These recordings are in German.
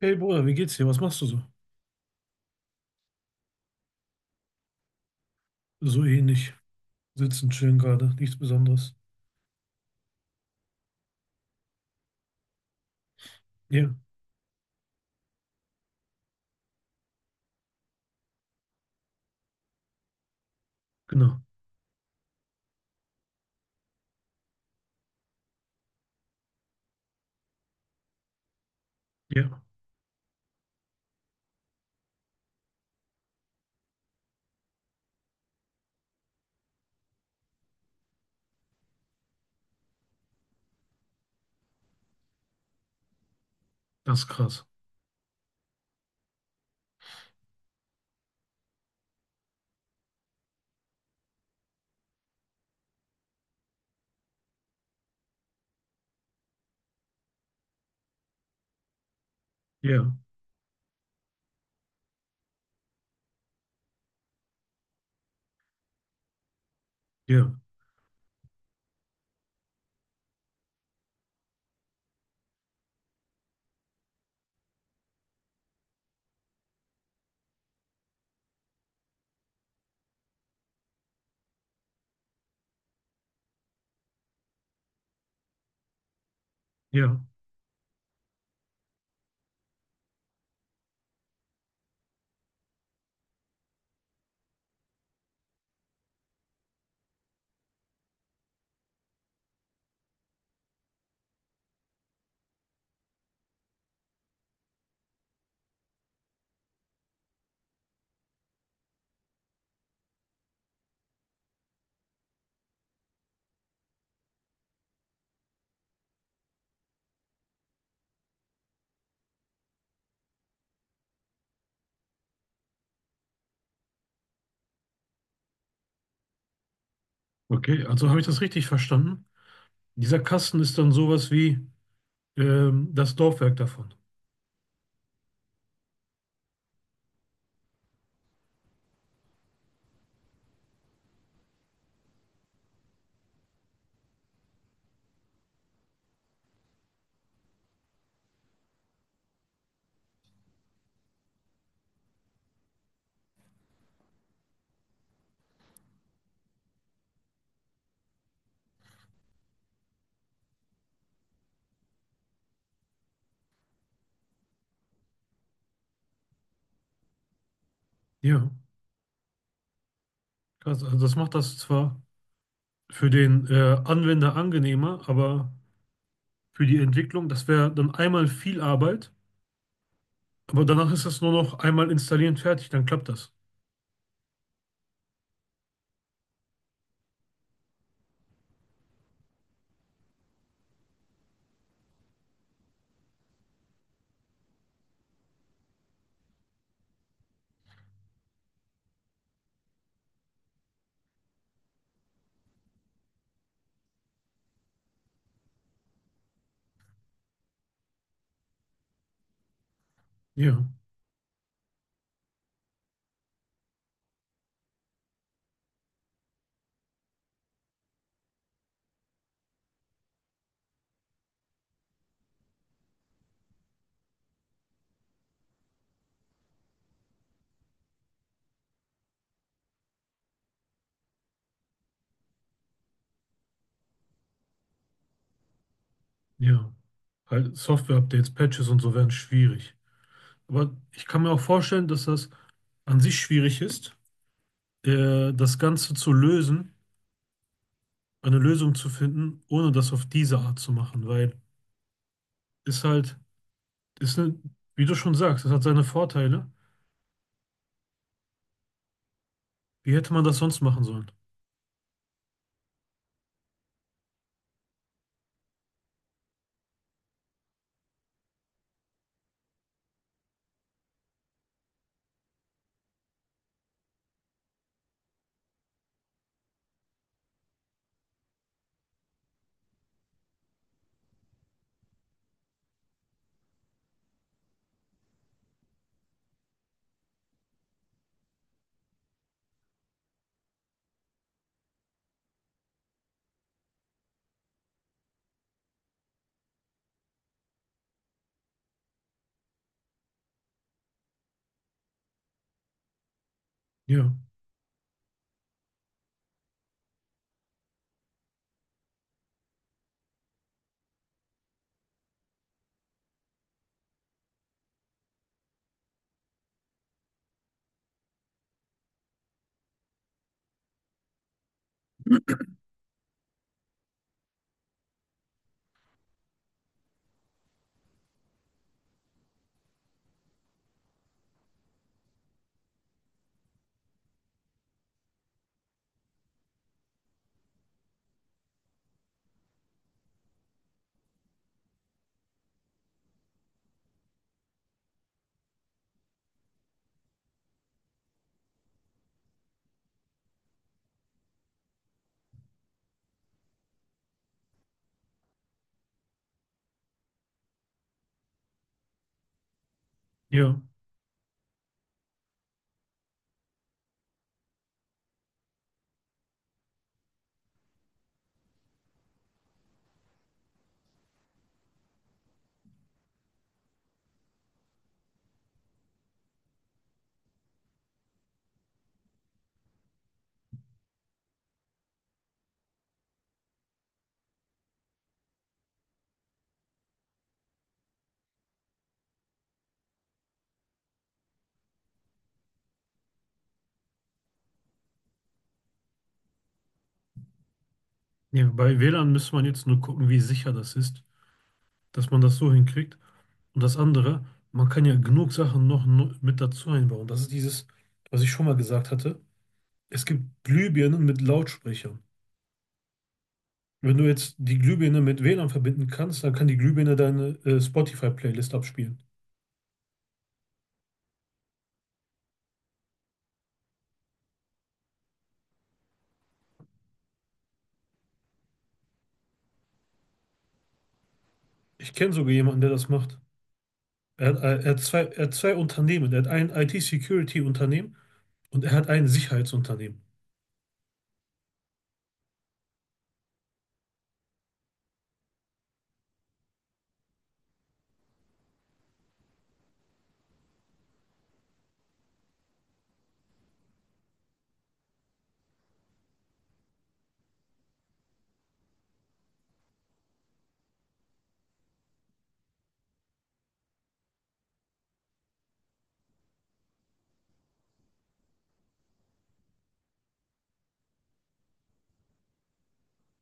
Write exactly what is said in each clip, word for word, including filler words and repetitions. Hey Bruder, wie geht's dir? Was machst du so? So ähnlich. Sitzen, chillen gerade. Nichts Besonderes. Ja, genau. Ja, das ist krass. Ja, ja, ja. Okay, also habe ich das richtig verstanden? Dieser Kasten ist dann sowas wie ähm, das Laufwerk davon. Ja, krass. Also das macht das zwar für den äh, Anwender angenehmer, aber für die Entwicklung, das wäre dann einmal viel Arbeit, aber danach ist das nur noch einmal installieren, fertig, dann klappt das. Ja. Ja, halt Software-Updates, Patches und so werden schwierig. Aber ich kann mir auch vorstellen, dass das an sich schwierig ist, äh, das Ganze zu lösen, eine Lösung zu finden, ohne das auf diese Art zu machen, weil ist halt, ist ne, wie du schon sagst, es hat seine Vorteile. Wie hätte man das sonst machen sollen? Ja, ja, ja. Bei W LAN müsste man jetzt nur gucken, wie sicher das ist, dass man das so hinkriegt. Und das andere, man kann ja genug Sachen noch nu- mit dazu einbauen. Das ist dieses, was ich schon mal gesagt hatte. Es gibt Glühbirnen mit Lautsprechern. Wenn du jetzt die Glühbirne mit W LAN verbinden kannst, dann kann die Glühbirne deine äh, Spotify-Playlist abspielen. Ich kenne sogar jemanden, der das macht. Er hat, äh, er hat zwei, er hat zwei Unternehmen. Er hat ein I T-Security-Unternehmen und er hat ein Sicherheitsunternehmen.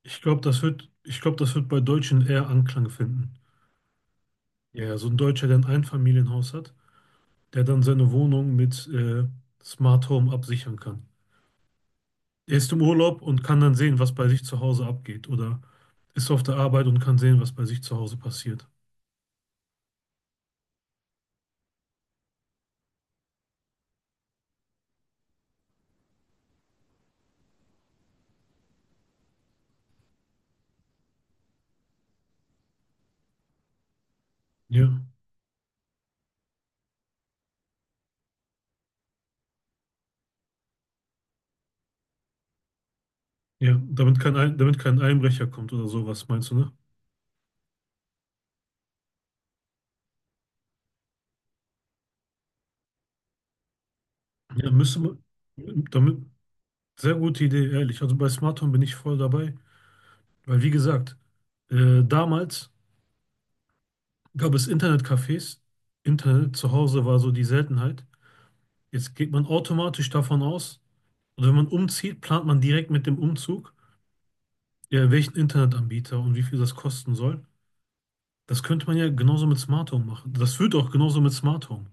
Ich glaube, das wird, ich glaube, das wird bei Deutschen eher Anklang finden. Ja, ja, so ein Deutscher, der ein Einfamilienhaus hat, der dann seine Wohnung mit äh, Smart Home absichern kann. Er ist im Urlaub und kann dann sehen, was bei sich zu Hause abgeht. Oder ist auf der Arbeit und kann sehen, was bei sich zu Hause passiert. Ja, ja, damit kein, Ein- damit kein Einbrecher kommt oder sowas, meinst du, ne? Ja, müsste man, damit, sehr gute Idee, ehrlich. Also bei Smart Home bin ich voll dabei, weil wie gesagt, äh, damals gab es Internetcafés, Internet zu Hause war so die Seltenheit. Jetzt geht man automatisch davon aus, oder wenn man umzieht, plant man direkt mit dem Umzug, ja, welchen Internetanbieter und wie viel das kosten soll. Das könnte man ja genauso mit Smart Home machen. Das wird auch genauso mit Smart Home.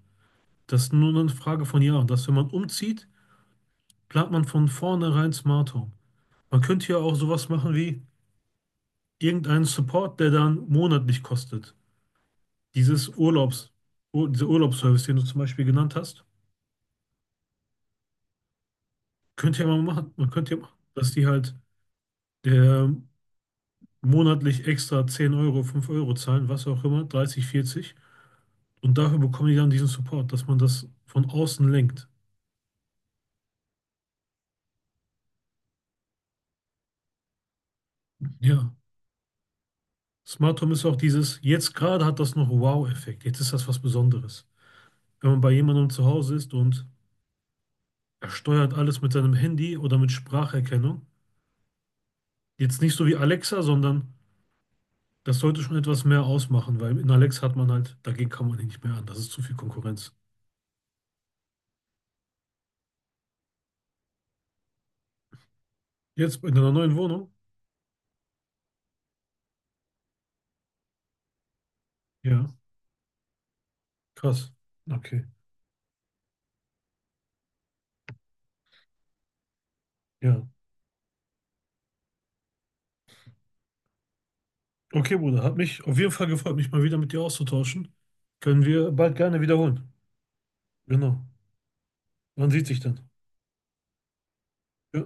Das ist nur eine Frage von Jahren, dass wenn man umzieht, plant man von vornherein Smart Home. Man könnte ja auch sowas machen wie irgendeinen Support, der dann monatlich kostet. Dieses Urlaubs, Ur- dieser Urlaubsservice, den du zum Beispiel genannt hast, könnte ja mal machen. Man könnte ja machen, dass die halt der monatlich extra zehn Euro, fünf Euro zahlen, was auch immer, dreißig, vierzig. Und dafür bekommen die dann diesen Support, dass man das von außen lenkt. Ja. Smart Home ist auch dieses, jetzt gerade hat das noch Wow-Effekt. Jetzt ist das was Besonderes. Wenn man bei jemandem zu Hause ist und er steuert alles mit seinem Handy oder mit Spracherkennung, jetzt nicht so wie Alexa, sondern das sollte schon etwas mehr ausmachen, weil in Alexa hat man halt, dagegen kann man nicht mehr an. Das ist zu viel Konkurrenz. Jetzt in einer neuen Wohnung? Ja, krass. Okay, ja. Okay, Bruder, hat mich auf jeden Fall gefreut, mich mal wieder mit dir auszutauschen. Können wir bald gerne wiederholen. Genau. Man sieht sich dann. Ja.